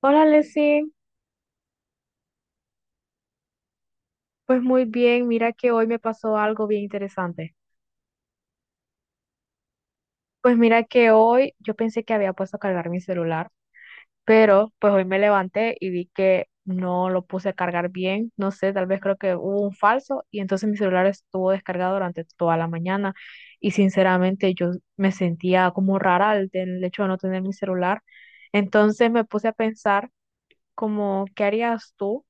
Hola, Leslie. Pues muy bien, mira que hoy me pasó algo bien interesante. Pues mira que hoy yo pensé que había puesto a cargar mi celular, pero pues hoy me levanté y vi que no lo puse a cargar bien. No sé, tal vez creo que hubo un falso y entonces mi celular estuvo descargado durante toda la mañana y sinceramente yo me sentía como rara al del hecho de no tener mi celular. Entonces me puse a pensar como, ¿qué harías tú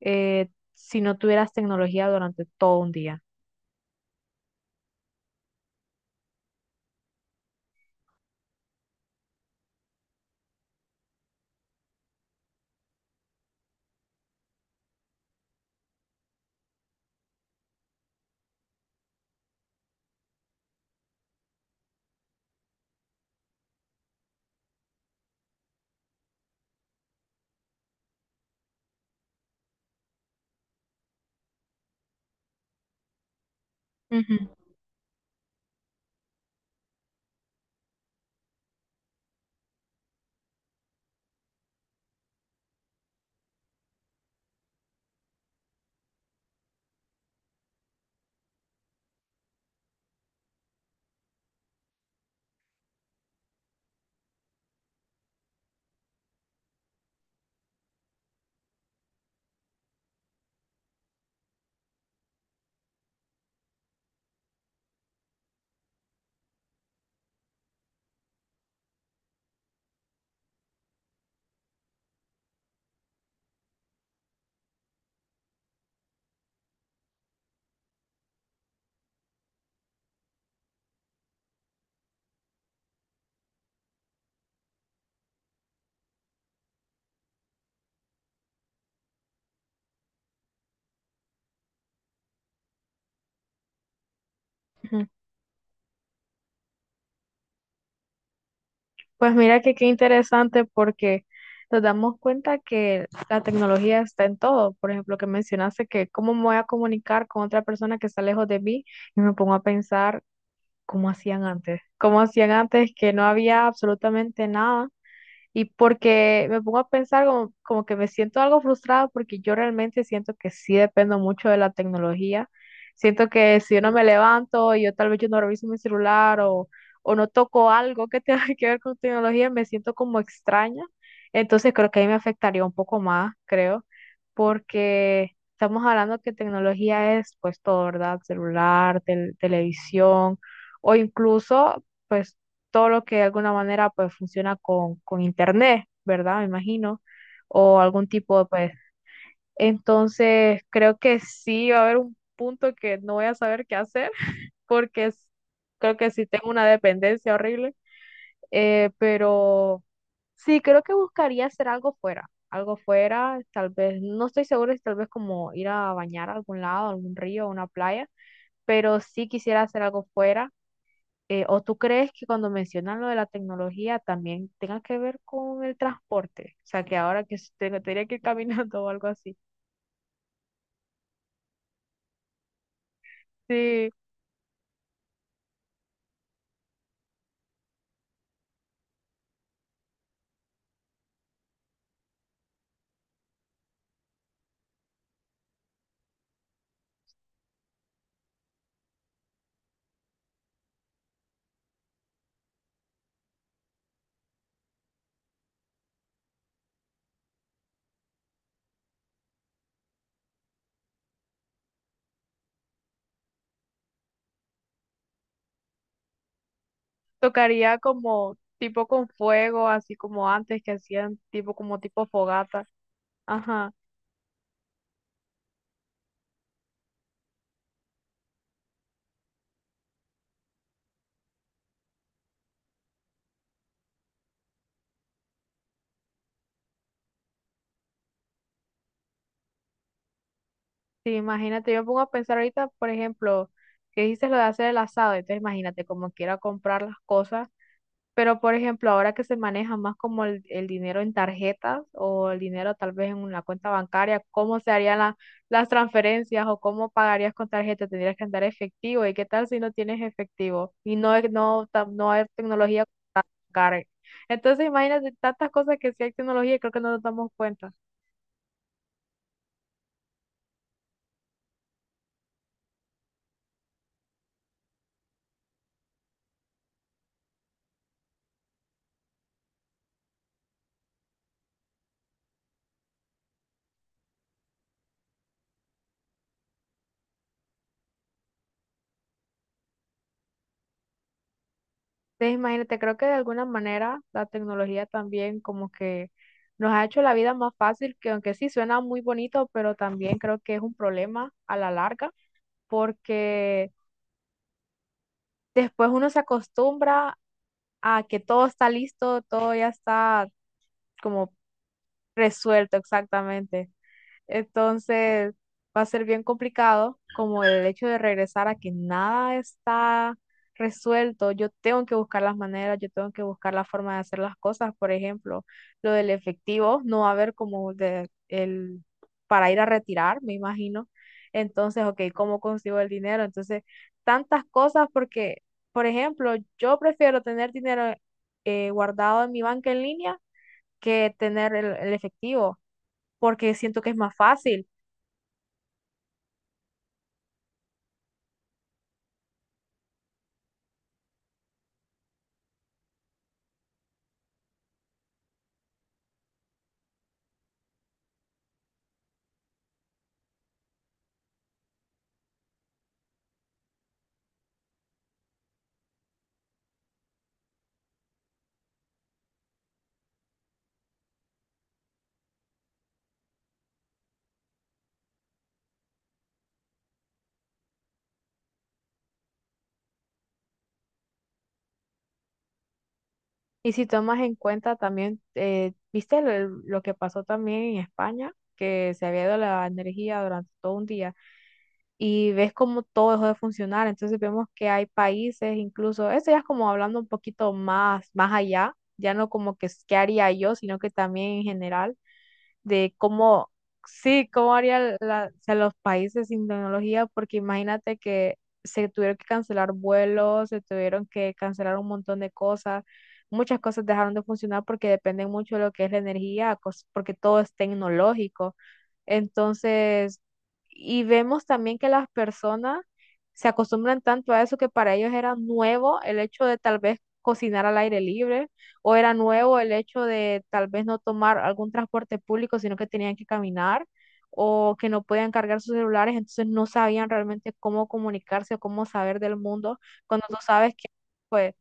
eh, si no tuvieras tecnología durante todo un día? Ujú, ujú. Pues mira que qué interesante porque nos damos cuenta que la tecnología está en todo. Por ejemplo, que mencionaste que cómo me voy a comunicar con otra persona que está lejos de mí y me pongo a pensar cómo hacían antes que no había absolutamente nada. Y porque me pongo a pensar como, como que me siento algo frustrada porque yo realmente siento que sí dependo mucho de la tecnología. Siento que si yo no me levanto y yo tal vez yo no reviso mi celular o no toco algo que tenga que ver con tecnología, me siento como extraña. Entonces creo que ahí me afectaría un poco más, creo, porque estamos hablando que tecnología es pues todo, ¿verdad? Celular, televisión o incluso pues todo lo que de alguna manera pues funciona con internet, ¿verdad? Me imagino, o algún tipo de pues. Entonces, creo que sí va a haber un punto que no voy a saber qué hacer, porque creo que sí tengo una dependencia horrible, pero sí, creo que buscaría hacer algo fuera, tal vez, no estoy segura si tal vez como ir a bañar a algún lado, a algún río, a una playa, pero sí quisiera hacer algo fuera ¿o tú crees que cuando mencionan lo de la tecnología también tenga que ver con el transporte? O sea, que ahora que tendría que ir caminando o algo así. Sí, tocaría como tipo con fuego, así como antes que hacían tipo como tipo fogata. Ajá, sí, imagínate, yo me pongo a pensar ahorita, por ejemplo, que dices lo de hacer el asado, entonces imagínate como quiera comprar las cosas. Pero, por ejemplo, ahora que se maneja más como el dinero en tarjetas o el dinero tal vez en una cuenta bancaria, ¿cómo se harían las transferencias o cómo pagarías con tarjeta? ¿Tendrías que andar efectivo? ¿Y qué tal si no tienes efectivo? Y no, no, no hay tecnología para pagar. Entonces, imagínate tantas cosas que sí hay tecnología y creo que no nos damos cuenta. Entonces, imagínate, creo que de alguna manera la tecnología también como que nos ha hecho la vida más fácil, que aunque sí suena muy bonito, pero también creo que es un problema a la larga porque después uno se acostumbra a que todo está listo, todo ya está como resuelto exactamente. Entonces va a ser bien complicado como el hecho de regresar a que nada está resuelto. Yo tengo que buscar las maneras, yo tengo que buscar la forma de hacer las cosas. Por ejemplo, lo del efectivo no va a haber como de, el, para ir a retirar, me imagino. Entonces, ok, ¿cómo consigo el dinero? Entonces, tantas cosas porque, por ejemplo, yo prefiero tener dinero guardado en mi banca en línea que tener el efectivo porque siento que es más fácil. Y si tomas en cuenta también, viste lo que pasó también en España, que se había ido la energía durante todo un día y ves cómo todo dejó de funcionar. Entonces vemos que hay países, incluso, eso ya es como hablando un poquito más, más allá, ya no como que qué haría yo, sino que también en general de cómo, sí, cómo harían o sea, los países sin tecnología, porque imagínate que se tuvieron que cancelar vuelos, se tuvieron que cancelar un montón de cosas, muchas cosas dejaron de funcionar porque dependen mucho de lo que es la energía, porque todo es tecnológico. Entonces, y vemos también que las personas se acostumbran tanto a eso que para ellos era nuevo el hecho de tal vez cocinar al aire libre o era nuevo el hecho de tal vez no tomar algún transporte público, sino que tenían que caminar o que no podían cargar sus celulares, entonces no sabían realmente cómo comunicarse o cómo saber del mundo cuando tú sabes que, pues,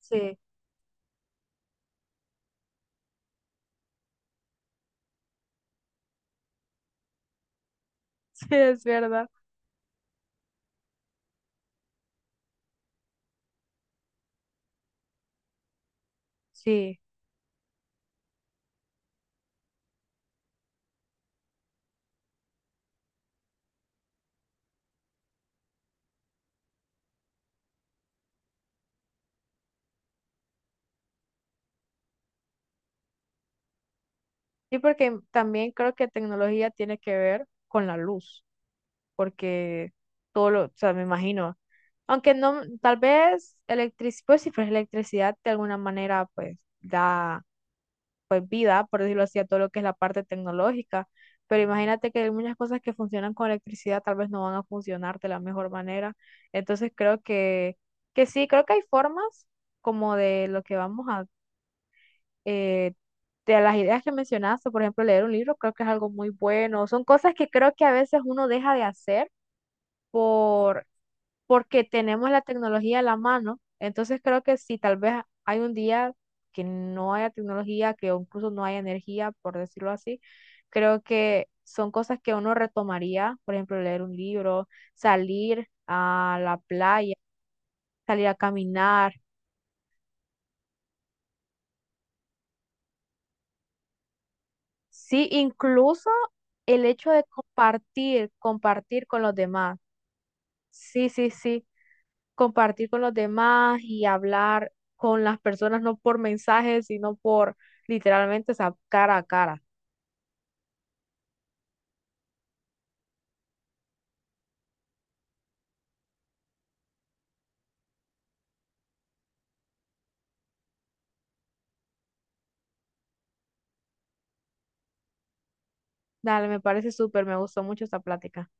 sí, sí, es verdad. Sí, sí, porque también creo que tecnología tiene que ver con la luz, porque todo lo, o sea, me imagino. Aunque no, tal vez electricidad, pues si fuese electricidad de alguna manera, pues da pues vida, por decirlo así, a todo lo que es la parte tecnológica. Pero imagínate que hay muchas cosas que funcionan con electricidad, tal vez no van a funcionar de la mejor manera. Entonces creo que sí, creo que hay formas como de lo que vamos a, eh, de las ideas que mencionaste, por ejemplo, leer un libro, creo que es algo muy bueno. Son cosas que creo que a veces uno deja de hacer por porque tenemos la tecnología a la mano. Entonces creo que si tal vez hay un día que no haya tecnología, que incluso no haya energía, por decirlo así, creo que son cosas que uno retomaría, por ejemplo, leer un libro, salir a la playa, salir a caminar, sí, incluso el hecho de compartir, compartir con los demás. Sí, sí, sí, compartir con los demás y hablar con las personas, no por mensajes, sino por literalmente esa cara a cara. Dale, me parece súper, me gustó mucho esta plática.